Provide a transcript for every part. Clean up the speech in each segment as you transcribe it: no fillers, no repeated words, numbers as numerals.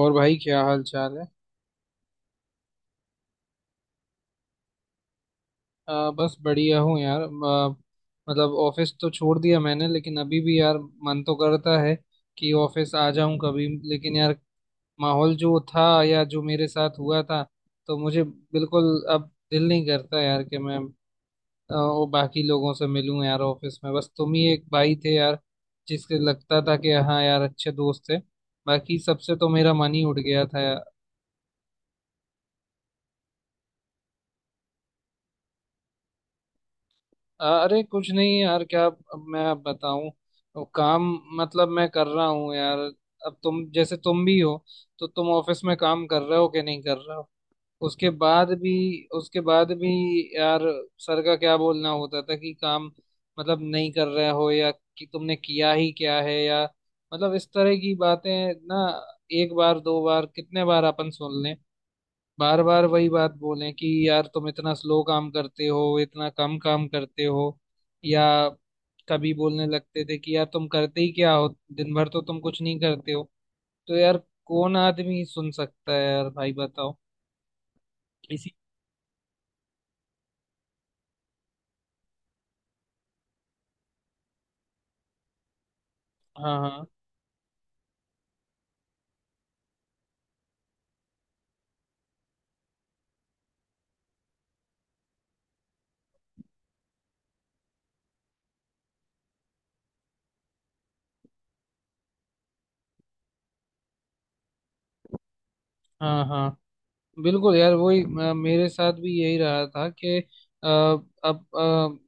और भाई क्या हाल चाल है? बस बढ़िया हूँ यार मतलब ऑफिस तो छोड़ दिया मैंने, लेकिन अभी भी यार मन तो करता है कि ऑफिस आ जाऊं कभी, लेकिन यार माहौल जो था या जो मेरे साथ हुआ था तो मुझे बिल्कुल अब दिल नहीं करता यार कि मैं वो बाकी लोगों से मिलूं। यार ऑफिस में बस तुम ही एक भाई थे यार, जिसके लगता था कि हाँ यार अच्छे दोस्त थे। बाकी सबसे तो मेरा मन ही उठ गया था। अरे कुछ नहीं यार, क्या अब मैं अब बताऊं। अब काम मतलब मैं कर रहा हूँ यार। अब तुम जैसे तुम भी हो, तो तुम ऑफिस में काम कर रहे हो कि नहीं कर रहे हो, उसके बाद भी। उसके बाद भी यार, सर का क्या बोलना होता था कि काम मतलब नहीं कर रहे हो, या कि तुमने किया ही क्या है, या मतलब इस तरह की बातें ना। एक बार दो बार कितने बार अपन सुन लें। बार बार वही बात बोलें कि यार तुम इतना स्लो काम करते हो, इतना कम काम करते हो। या कभी बोलने लगते थे कि यार तुम करते ही क्या हो, दिन भर तो तुम कुछ नहीं करते हो। तो यार कौन आदमी सुन सकता है यार, भाई बताओ। इसी हाँ, हाँ, हाँ, हाँ। बिल्कुल यार, वही मेरे साथ भी यही रहा था कि अ, अब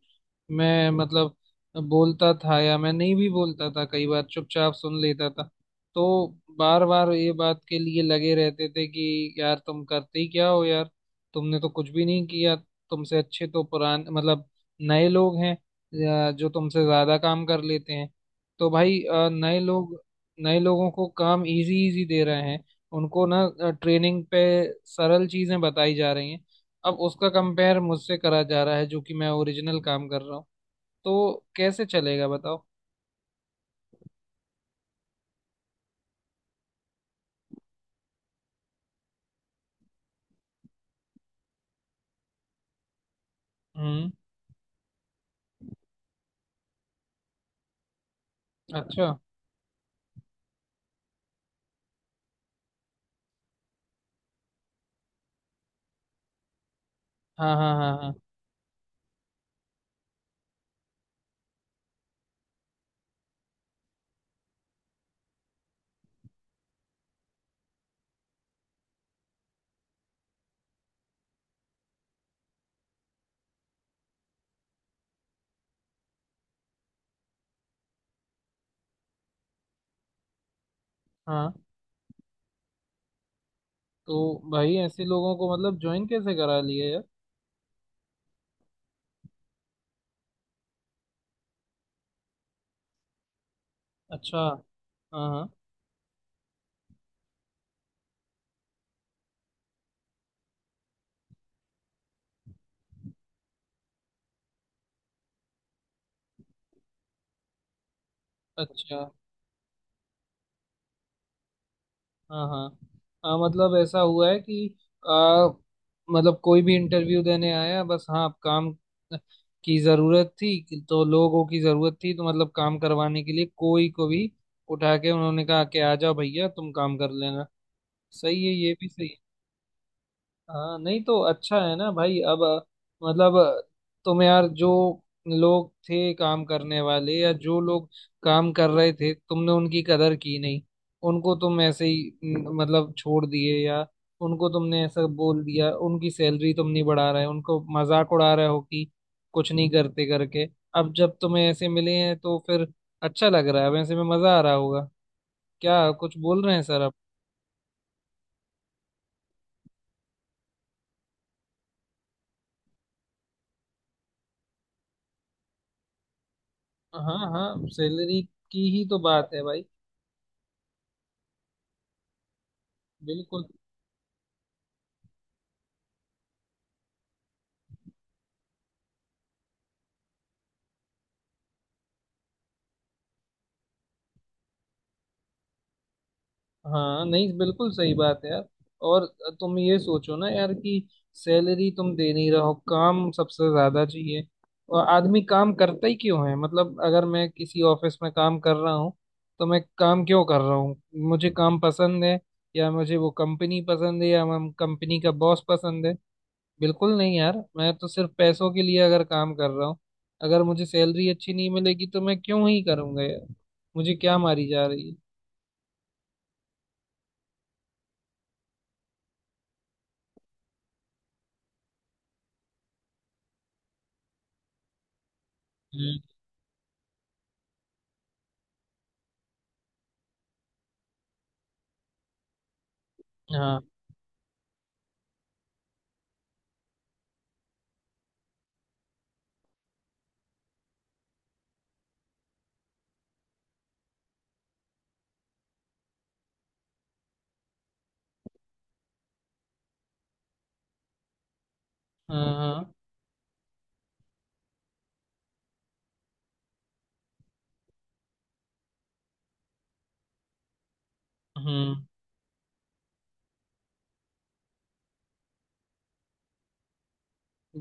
मैं मतलब बोलता था या मैं नहीं भी बोलता था, कई बार चुपचाप सुन लेता था। तो बार बार ये बात के लिए लगे रहते थे कि यार तुम करते ही क्या हो यार, तुमने तो कुछ भी नहीं किया, तुमसे अच्छे तो पुराने मतलब नए लोग हैं, या जो तुमसे ज्यादा काम कर लेते हैं। तो भाई नए लोगों को काम इजी इजी दे रहे हैं। उनको ना ट्रेनिंग पे सरल चीजें बताई जा रही हैं। अब उसका कंपेयर मुझसे करा जा रहा है, जो कि मैं ओरिजिनल काम कर रहा हूँ। तो कैसे चलेगा, बताओ। हम्म। अच्छा। हाँ, हाँ, हाँ, हाँ, हाँ। तो भाई ऐसे लोगों को मतलब ज्वाइन कैसे करा लिए यार। अच्छा। हाँ, हाँ। अच्छा। हाँ, हाँ। हाँ, मतलब ऐसा हुआ है कि आ, मतलब कोई भी इंटरव्यू देने आया, बस हाँ काम की जरूरत थी तो लोगों की जरूरत थी, तो मतलब काम करवाने के लिए कोई को भी उठा के उन्होंने कहा कि आ जाओ भैया तुम काम कर लेना। सही है, ये भी सही है। हाँ, नहीं तो अच्छा है ना भाई। अब मतलब तुम यार जो लोग थे काम करने वाले, या जो लोग काम कर रहे थे, तुमने उनकी कदर की नहीं। उनको तुम ऐसे ही न, मतलब छोड़ दिए, या उनको तुमने ऐसा बोल दिया, उनकी सैलरी तुम नहीं बढ़ा रहे, उनको मजाक उड़ा रहे हो कि कुछ नहीं करते करके। अब जब तुम्हें ऐसे मिले हैं तो फिर अच्छा लग रहा है, वैसे में मजा आ रहा होगा। क्या कुछ बोल रहे हैं सर आप? हाँ, हाँ। सैलरी की ही तो बात है भाई। बिल्कुल। हाँ नहीं, बिल्कुल सही बात है यार। और तुम ये सोचो ना यार कि सैलरी तुम दे नहीं रहो, काम सबसे ज्यादा चाहिए। और आदमी काम करता ही क्यों है, मतलब अगर मैं किसी ऑफिस में काम कर रहा हूँ तो मैं काम क्यों कर रहा हूँ? मुझे काम पसंद है, या मुझे वो कंपनी पसंद है, या हम कंपनी का बॉस पसंद है? बिल्कुल नहीं यार। मैं तो सिर्फ पैसों के लिए अगर काम कर रहा हूँ, अगर मुझे सैलरी अच्छी नहीं मिलेगी तो मैं क्यों ही करूंगा यार? मुझे क्या मारी जा रही है। हम्म, हाँ, हाँ, हाँ। हम्म।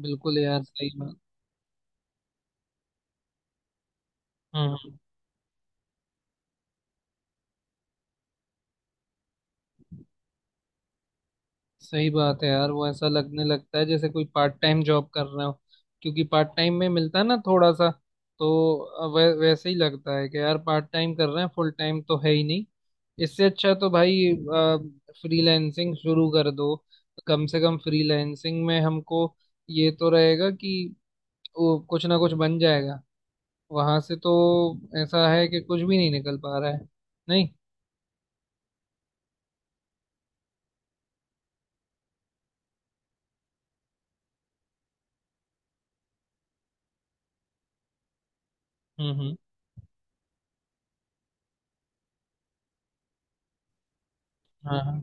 बिल्कुल यार, सही बात। हम्म, सही बात है यार। वो ऐसा लगने लगता है जैसे कोई पार्ट टाइम जॉब कर रहा हो। क्योंकि पार्ट टाइम में मिलता है ना थोड़ा सा, तो वैसे ही लगता है कि यार पार्ट टाइम कर रहे हैं, फुल टाइम तो है ही नहीं। इससे अच्छा तो भाई फ्रीलैंसिंग शुरू कर दो। कम से कम फ्रीलैंसिंग में हमको ये तो रहेगा कि वो कुछ ना कुछ बन जाएगा। वहां से तो ऐसा है कि कुछ भी नहीं निकल पा रहा है। नहीं। हम्म, हम्म। हाँ,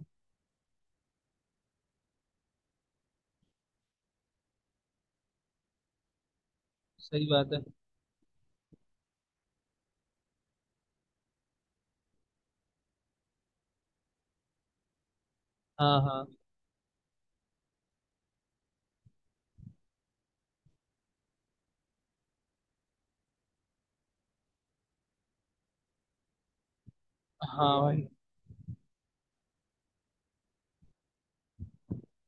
सही बात है। हाँ, हाँ, हाँ भाई।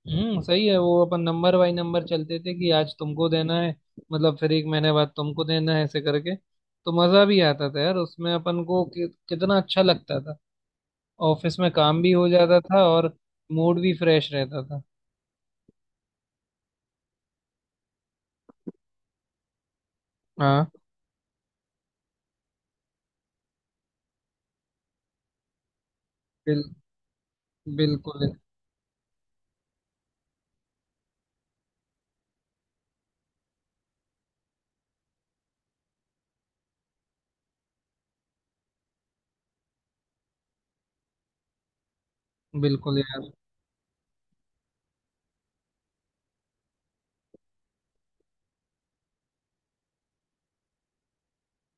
हम्म, सही है। वो अपन नंबर बाई नंबर चलते थे कि आज तुमको देना है, मतलब फिर एक महीने बाद तुमको देना है, ऐसे करके तो मजा भी आता था यार उसमें अपन को कि कितना अच्छा लगता था। ऑफिस में काम भी हो जाता था और मूड भी फ्रेश रहता था। हाँ। बिल बिल्कुल। बिल्कुल यार।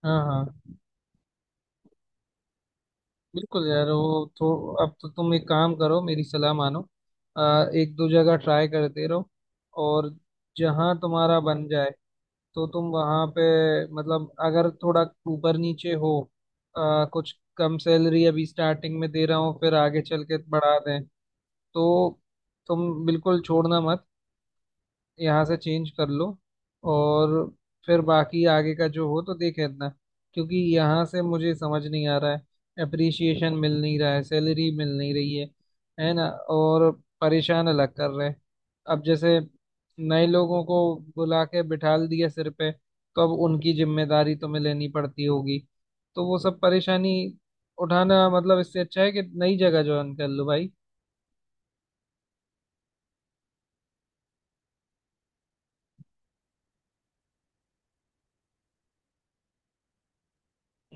हाँ, हाँ। बिल्कुल यार, वो तो। अब तो तुम एक काम करो, मेरी सलाह मानो। एक दो जगह ट्राई करते रहो, और जहाँ तुम्हारा बन जाए तो तुम वहां पे मतलब अगर थोड़ा ऊपर नीचे हो, कुछ कम सैलरी अभी स्टार्टिंग में दे रहा हूँ फिर आगे चल के बढ़ा दें, तो तुम बिल्कुल छोड़ना मत। यहाँ से चेंज कर लो, और फिर बाकी आगे का जो हो तो देख लेना। क्योंकि यहाँ से मुझे समझ नहीं आ रहा है, अप्रिसिएशन मिल नहीं रहा है, सैलरी मिल नहीं रही है ना? और परेशान अलग कर रहे हैं। अब जैसे नए लोगों को बुला के बिठा दिया सिर पे, तो अब उनकी जिम्मेदारी तुम्हें लेनी पड़ती होगी। तो वो सब परेशानी उठाना, मतलब इससे अच्छा है कि नई जगह ज्वाइन कर लो भाई।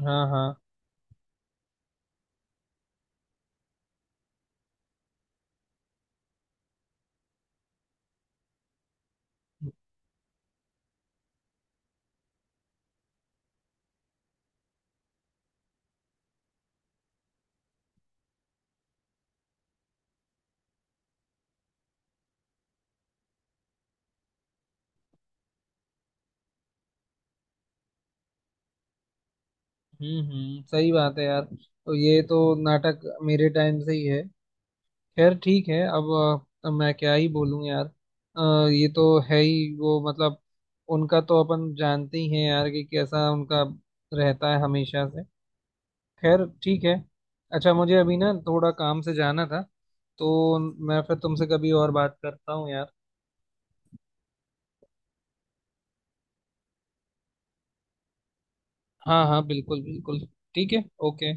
हाँ, हाँ। हम्म, हम्म, सही बात है यार। तो ये तो नाटक मेरे टाइम से ही है। खैर ठीक है। अब मैं क्या ही बोलूं यार। ये तो है ही वो, मतलब उनका तो अपन जानते ही हैं यार कि कैसा उनका रहता है हमेशा से। खैर ठीक है। अच्छा मुझे अभी ना थोड़ा काम से जाना था, तो मैं फिर तुमसे कभी और बात करता हूँ यार। हाँ, हाँ, बिल्कुल बिल्कुल। ठीक है, ओके।